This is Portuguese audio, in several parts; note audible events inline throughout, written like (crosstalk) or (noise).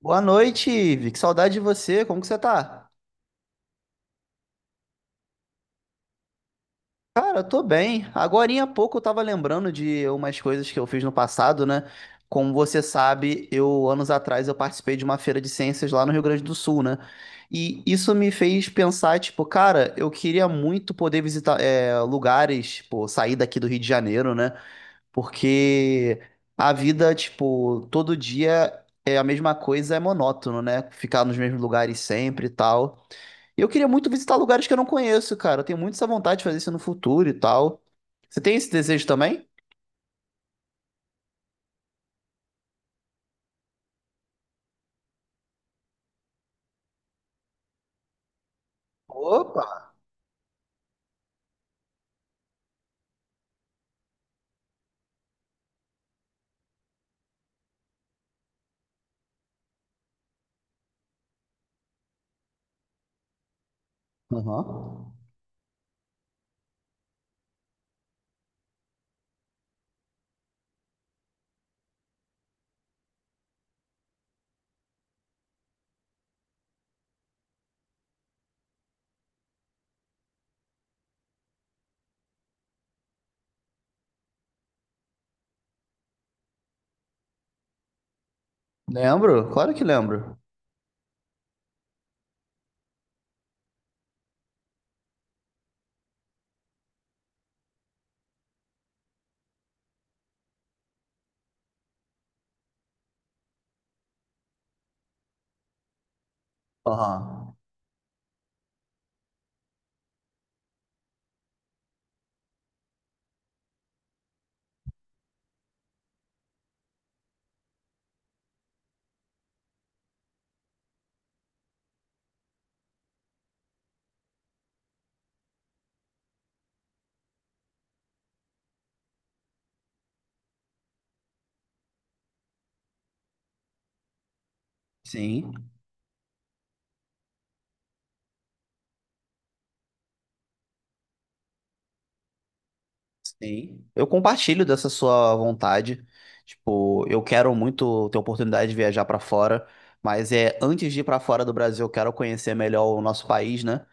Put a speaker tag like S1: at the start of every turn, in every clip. S1: Boa noite, Ivi. Que saudade de você. Como que você tá? Cara, tô bem. Agorinha há pouco eu tava lembrando de umas coisas que eu fiz no passado, né? Como você sabe, eu anos atrás eu participei de uma feira de ciências lá no Rio Grande do Sul, né? E isso me fez pensar, tipo, cara, eu queria muito poder visitar lugares, pô, sair daqui do Rio de Janeiro, né? Porque a vida, tipo, todo dia é a mesma coisa, é monótono, né? Ficar nos mesmos lugares sempre e tal. E eu queria muito visitar lugares que eu não conheço, cara. Eu tenho muito essa vontade de fazer isso no futuro e tal. Você tem esse desejo também? Opa! Aham. Lembro? Claro que lembro. Aham. Sim, sim. Eu compartilho dessa sua vontade. Tipo, eu quero muito ter oportunidade de viajar pra fora, mas antes de ir pra fora do Brasil, eu quero conhecer melhor o nosso país, né?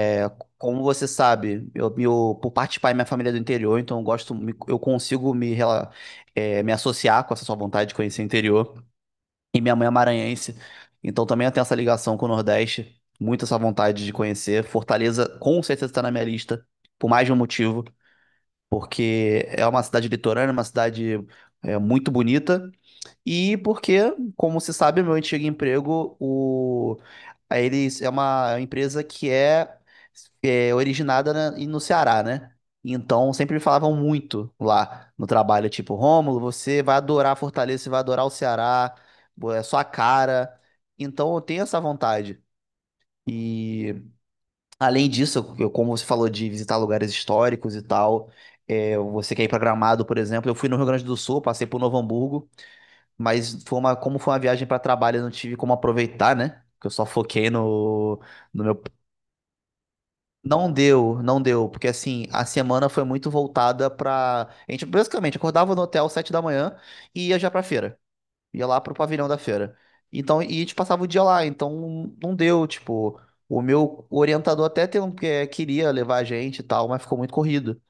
S1: É, Como você sabe, eu, meu, por parte de pai, minha família é do interior, então eu gosto, eu consigo me, me associar com essa sua vontade de conhecer o interior. E minha mãe é maranhense, então também eu tenho essa ligação com o Nordeste, muito essa vontade de conhecer. Fortaleza com certeza está na minha lista, por mais de um motivo, porque é uma cidade litorânea, uma cidade muito bonita e porque, como se sabe, meu antigo emprego, o... a eles é uma empresa que é originada no Ceará, né? Então sempre me falavam muito lá no trabalho, tipo, Rômulo, você vai adorar Fortaleza, você vai adorar o Ceará, é sua cara. Então eu tenho essa vontade. E além disso, eu, como você falou de visitar lugares históricos e tal, você quer ir para Gramado, por exemplo, eu fui no Rio Grande do Sul, passei por Novo Hamburgo. Mas foi uma, como foi uma viagem para trabalho, eu não tive como aproveitar, né? Porque eu só foquei no meu. Não deu, não deu, porque assim, a semana foi muito voltada pra. A gente basicamente acordava no hotel às 7 da manhã e ia já pra feira. Ia lá pro pavilhão da feira. Então, e a gente passava o dia lá, então não deu, tipo. O meu orientador até tem queria levar a gente e tal, mas ficou muito corrido.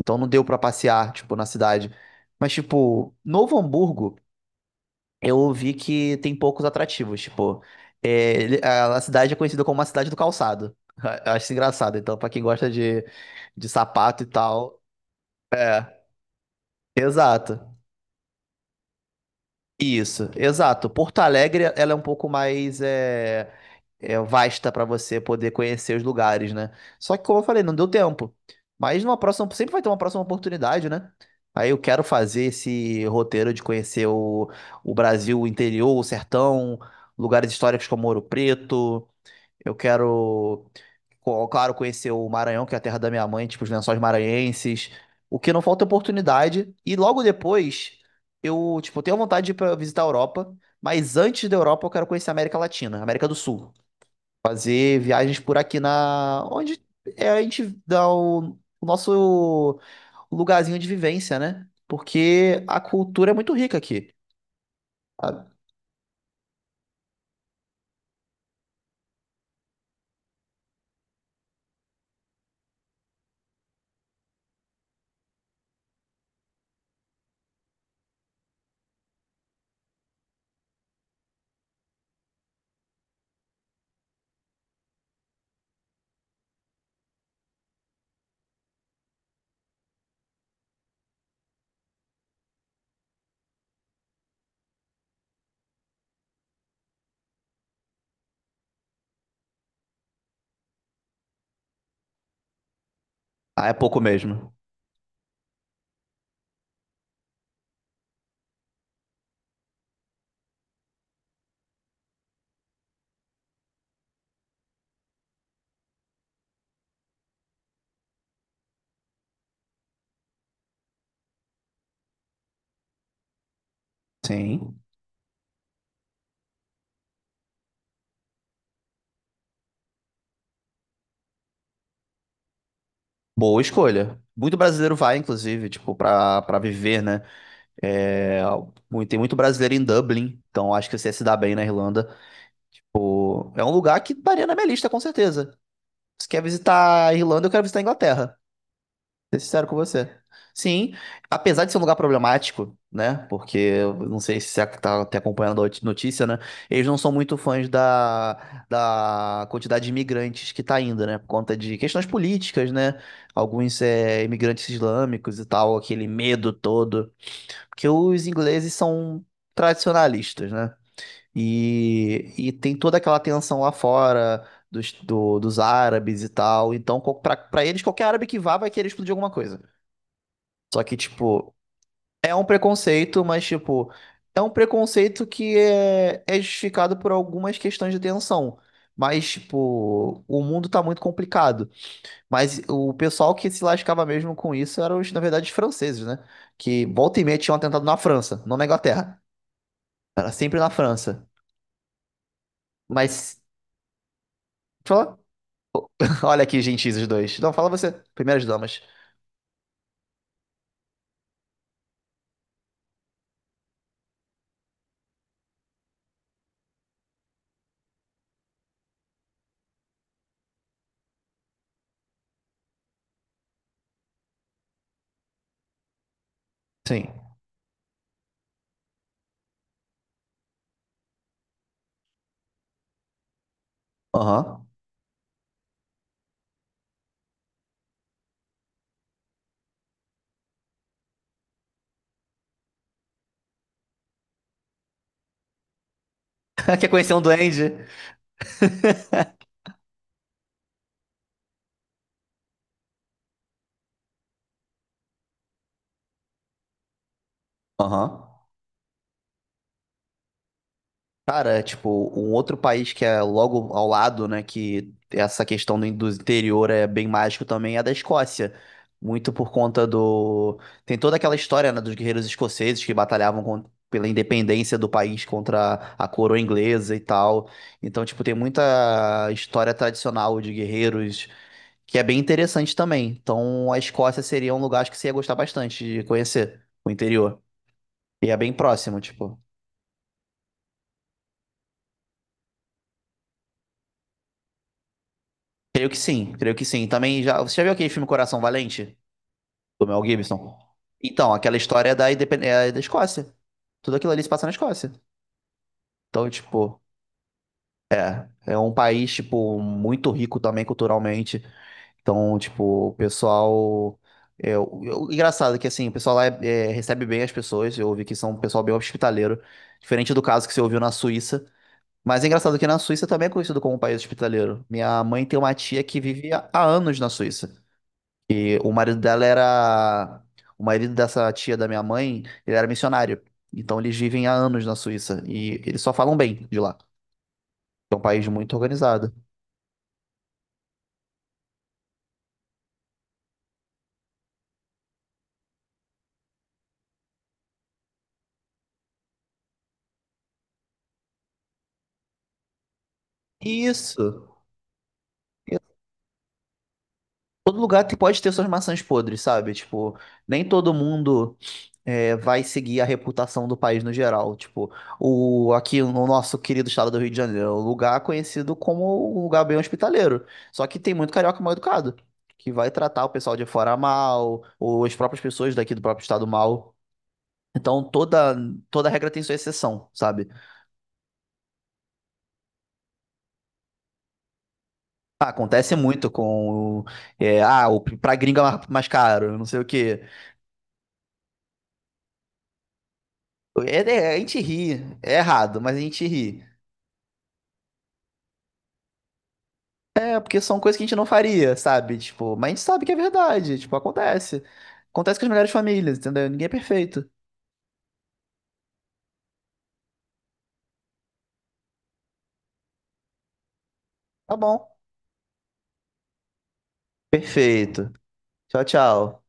S1: Então não deu pra passear, tipo, na cidade. Mas, tipo, Novo Hamburgo, eu ouvi que tem poucos atrativos. Tipo, a cidade é conhecida como a cidade do calçado. (laughs) Eu acho isso engraçado. Então, pra quem gosta de sapato e tal. É, exato. Isso, exato. Porto Alegre, ela é um pouco mais. Vasta para você poder conhecer os lugares, né? Só que, como eu falei, não deu tempo. Mas numa próxima, sempre vai ter uma próxima oportunidade, né? Aí eu quero fazer esse roteiro de conhecer o Brasil, o interior, o sertão, lugares históricos como Ouro Preto. Eu quero, claro, conhecer o Maranhão, que é a terra da minha mãe, tipo os Lençóis Maranhenses. O que não falta é oportunidade. E logo depois, eu, tipo, tenho vontade de ir pra visitar a Europa. Mas antes da Europa, eu quero conhecer a América Latina, América do Sul. Fazer viagens por aqui na. Onde a gente dá o nosso lugarzinho de vivência, né? Porque a cultura é muito rica aqui. Ah, ah, é pouco mesmo. Sim. Boa escolha. Muito brasileiro vai, inclusive, tipo, pra viver, né? É, tem muito brasileiro em Dublin, então acho que você ia se dá bem na Irlanda. Pô, é um lugar que estaria na minha lista, com certeza. Se quer visitar a Irlanda, eu quero visitar a Inglaterra. Ser sincero com você. Sim, apesar de ser um lugar problemático, né? Porque eu não sei se você tá até acompanhando a notícia, né? Eles não são muito fãs da quantidade de imigrantes que tá indo, né? Por conta de questões políticas, né? Alguns imigrantes islâmicos e tal, aquele medo todo. Porque os ingleses são tradicionalistas, né? E tem toda aquela tensão lá fora. Dos árabes e tal. Então, pra eles, qualquer árabe que vá vai querer explodir alguma coisa. Só que, tipo, é um preconceito, mas, tipo, é um preconceito que é justificado por algumas questões de tensão. Mas, tipo, o mundo tá muito complicado. Mas o pessoal que se lascava mesmo com isso eram, na verdade, os franceses, né? Que volta e meia tinham atentado na França, não na Inglaterra. Era sempre na França. Mas, fala. (laughs) Olha aqui, gentis, os dois. Não, fala você. Primeiras damas. Sim. Aham. (laughs) Quer conhecer um duende? Aham. Cara, tipo, um outro país que é logo ao lado, né, que essa questão do interior é bem mágico também, é a da Escócia. Muito por conta do... Tem toda aquela história, né, dos guerreiros escoceses que batalhavam pela independência do país contra a coroa inglesa e tal. Então, tipo, tem muita história tradicional de guerreiros que é bem interessante também. Então, a Escócia seria um lugar acho que você ia gostar bastante de conhecer, o interior. E é bem próximo, tipo. Creio que sim, creio que sim. Também já. Você já viu aquele filme Coração Valente? Do Mel Gibson? Então, aquela história é da Escócia. Tudo aquilo ali se passa na Escócia. Então, tipo, é um país, tipo, muito rico também culturalmente. Então, tipo, o pessoal. O engraçado é que, assim, o pessoal lá recebe bem as pessoas. Eu ouvi que são um pessoal bem hospitaleiro. Diferente do caso que você ouviu na Suíça. Mas é engraçado que na Suíça também é conhecido como um país hospitaleiro. Minha mãe tem uma tia que vive há anos na Suíça. E o marido dela era. O marido dessa tia da minha mãe, ele era missionário. Então eles vivem há anos na Suíça. E eles só falam bem de lá. É um país muito organizado. Isso. Todo lugar pode ter suas maçãs podres, sabe? Tipo, nem todo mundo vai seguir a reputação do país no geral. Tipo, aqui no nosso querido estado do Rio de Janeiro, é um lugar conhecido como um lugar bem hospitaleiro. Só que tem muito carioca mal educado, que vai tratar o pessoal de fora mal, ou as próprias pessoas daqui do próprio estado mal. Então, toda regra tem sua exceção, sabe? Ah, acontece muito com, pra gringa é mais caro, não sei o quê. É- a gente ri, é errado, mas a gente ri. É, porque são coisas que a gente não faria, sabe? Tipo, mas a gente sabe que é verdade, tipo, acontece. Acontece com as melhores famílias, entendeu? Ninguém é perfeito. Tá bom. Perfeito. Tchau, tchau.